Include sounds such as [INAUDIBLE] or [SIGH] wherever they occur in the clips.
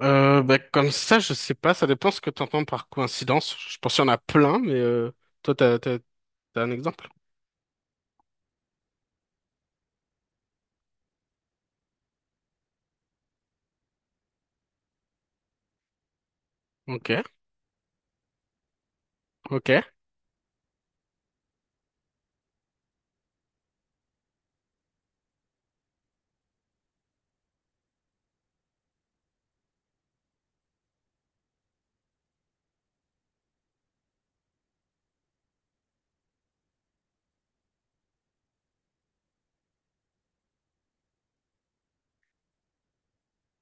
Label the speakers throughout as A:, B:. A: Bah, comme ça, je sais pas, ça dépend ce que tu entends par coïncidence. Je pense qu'il y en a plein, mais toi, t'as un exemple? Ok, ok.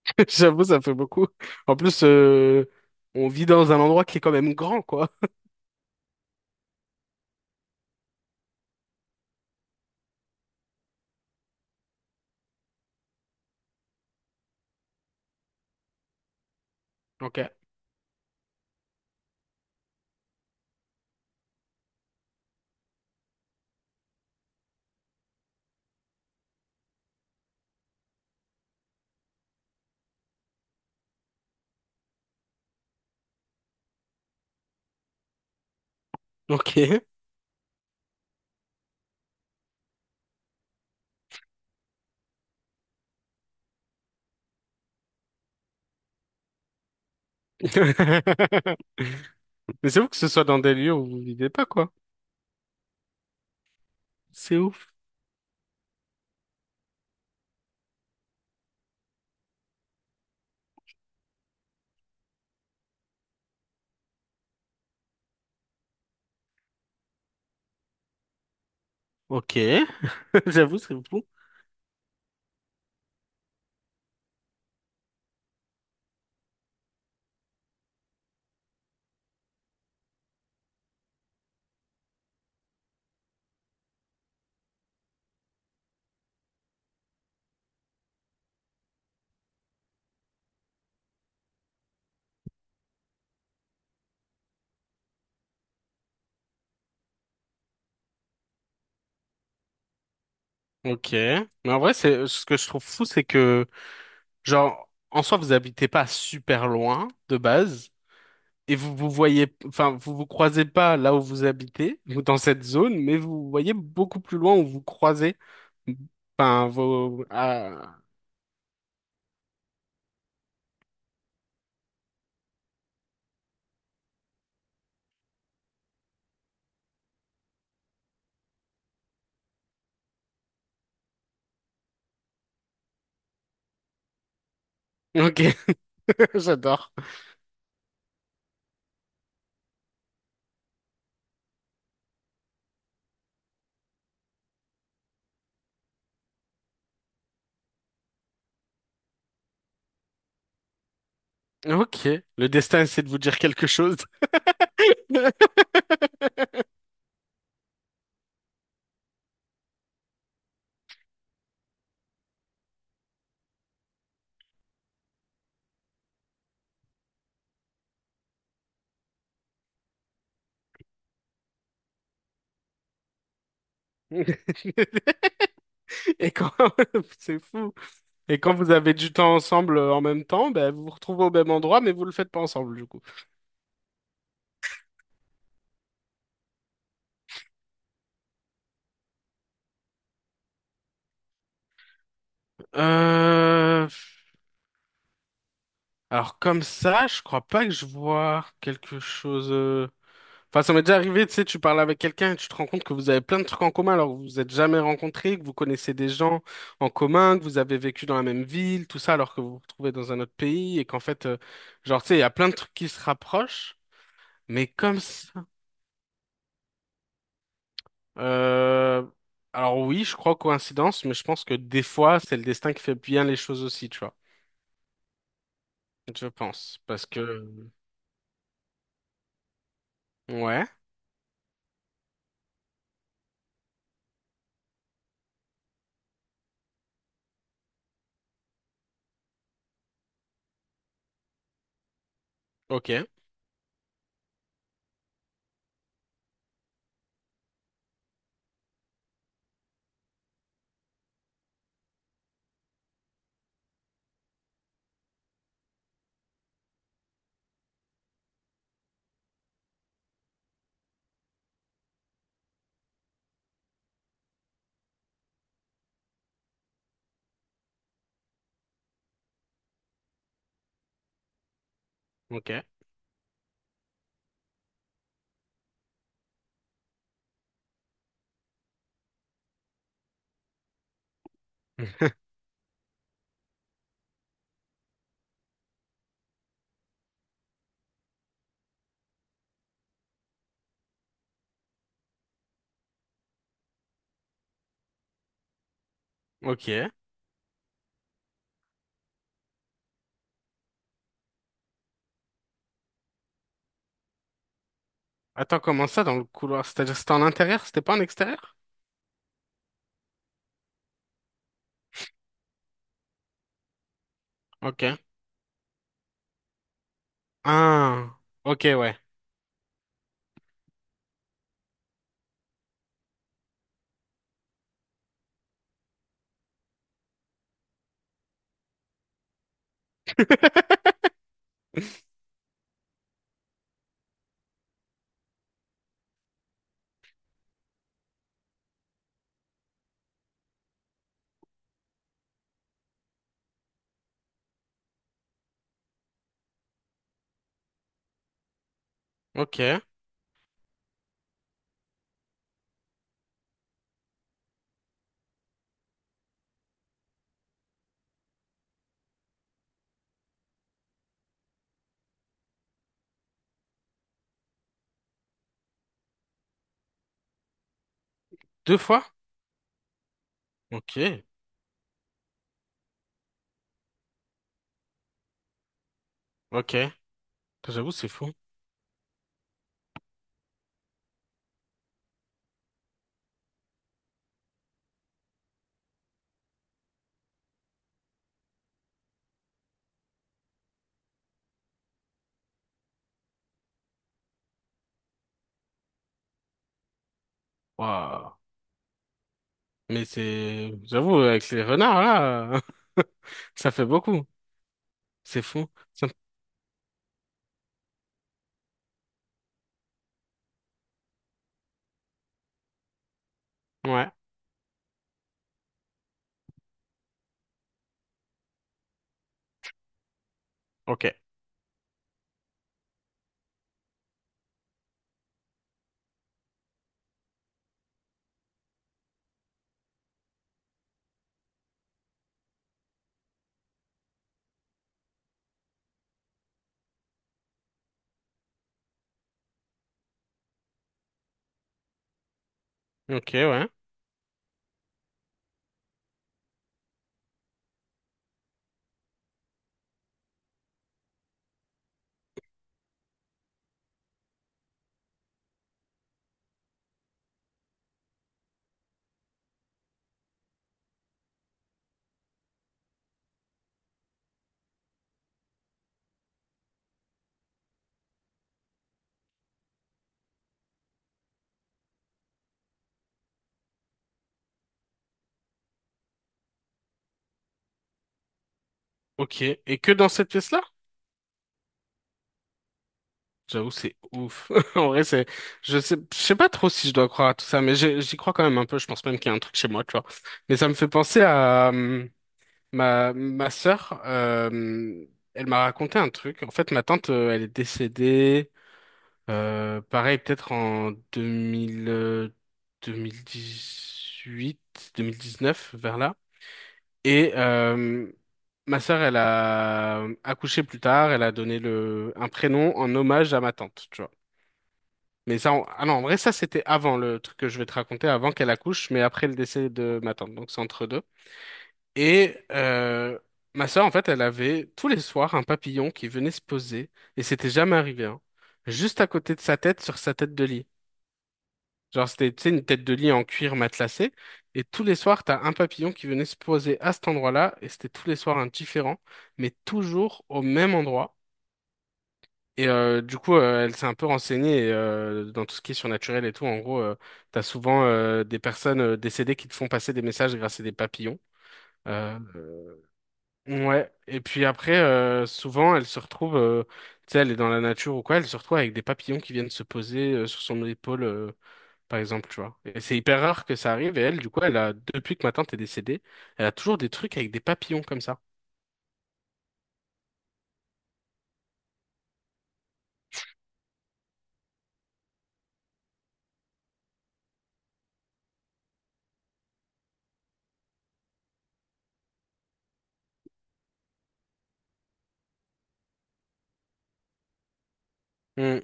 A: [LAUGHS] J'avoue, ça fait beaucoup. En plus, on vit dans un endroit qui est quand même grand, quoi. Ok, ok. [LAUGHS] Mais c'est ouf que ce soit dans des lieux où vous vivez pas, quoi. C'est ouf. Ok, [LAUGHS] j'avoue, c'est fou. Ok. Mais en vrai, c'est ce que je trouve fou, c'est que, genre, en soi, vous habitez pas super loin de base. Et vous vous voyez, enfin, vous vous croisez pas là où vous habitez, ou dans cette zone, mais vous voyez beaucoup plus loin où vous croisez, enfin, vos, ah, ok, [LAUGHS] j'adore. Ok, le destin essaie de vous dire quelque chose. [LAUGHS] Et quand, [LAUGHS] c'est fou. Et quand vous avez du temps ensemble en même temps, ben, vous vous retrouvez au même endroit, mais vous le faites pas ensemble, du coup. Euh, alors comme ça, je crois pas que je vois quelque chose. Enfin, ça m'est déjà arrivé, tu sais, tu parles avec quelqu'un et tu te rends compte que vous avez plein de trucs en commun alors que vous vous êtes jamais rencontrés, que vous connaissez des gens en commun, que vous avez vécu dans la même ville, tout ça alors que vous vous retrouvez dans un autre pays et qu'en fait, genre, tu sais, il y a plein de trucs qui se rapprochent, mais comme ça. Euh... Alors oui, je crois coïncidence, mais je pense que des fois, c'est le destin qui fait bien les choses aussi, tu vois. Je pense. Parce que... Ouais, ok, ok, [LAUGHS] ok. Attends, comment ça dans le couloir? C'est-à-dire, c'était en intérieur, c'était pas en extérieur? Ok. Ah, ok, ouais. [LAUGHS] Ok. Deux fois? Ok, ok. J'avoue, c'est fou. Waouh. Mais c'est... J'avoue, avec les renards, là, [LAUGHS] ça fait beaucoup. C'est fou. Ça- Ouais, ok. Ok, ouais. Ok. Et que dans cette pièce-là? J'avoue, c'est ouf. [LAUGHS] En vrai, c'est... je sais pas trop si je dois croire à tout ça, mais j'ai- j'y crois quand même un peu. Je pense même qu'il y a un truc chez moi, tu vois. Mais ça me fait penser à... Ma sœur, elle m'a raconté un truc. En fait, ma tante, elle est décédée, pareil, peut-être en 2000, dix neuf vers là. Et ma sœur, elle a accouché plus tard, elle a donné un prénom en hommage à ma tante, tu vois. Mais ça, ah non, en vrai, ça, c'était avant le truc que je vais te raconter, avant qu'elle accouche, mais après le décès de ma tante. Donc, c'est entre deux. Et ma sœur, en fait, elle avait tous les soirs un papillon qui venait se poser, et c'était jamais arrivé, hein, juste à côté de sa tête, sur sa tête de lit. Genre, c'était, tu sais, une tête de lit en cuir matelassé, et tous les soirs, t'as un papillon qui venait se poser à cet endroit-là, et c'était tous les soirs un différent, mais toujours au même endroit. Et du coup, elle s'est un peu renseignée et, dans tout ce qui est surnaturel et tout. En gros, t'as souvent des personnes décédées qui te font passer des messages grâce à des papillons. Euh, Ouais, et puis après, souvent, elle se retrouve, tu sais, elle est dans la nature ou quoi, elle se retrouve avec des papillons qui viennent se poser sur son épaule, par exemple, tu vois. Et c'est hyper rare que ça arrive, et elle, du coup, elle a, depuis que ma tante est décédée, elle a toujours des trucs avec des papillons comme ça. Mm.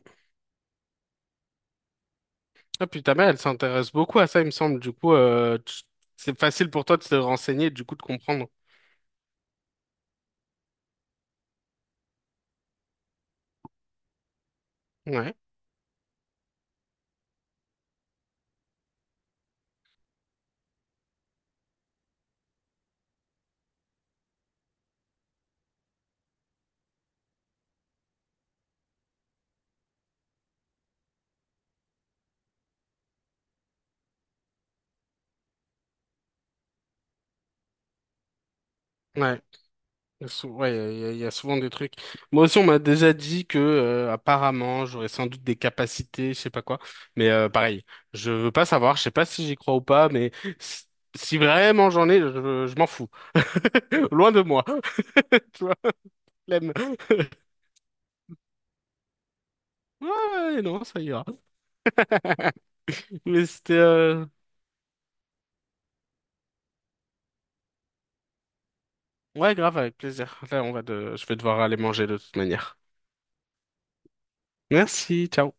A: Ah, puis ta mère, elle s'intéresse beaucoup à ça, il me semble, du coup, c'est facile pour toi de te renseigner, et du coup, de comprendre. Ouais, ouais. Il y a sou- Ouais, il y a souvent des trucs. Moi aussi, on m'a déjà dit que apparemment, j'aurais sans doute des capacités, je sais pas quoi. Mais pareil, je veux pas savoir, je sais pas si j'y crois ou pas, mais si si vraiment j'en ai, je m'en fous. [LAUGHS] Loin de moi. [LAUGHS] Tu vois, flemme. [LAUGHS] Ouais, non, ça ira. Mais c'était ouais, grave, avec plaisir. Là, je vais devoir aller manger de toute manière. Merci, ciao.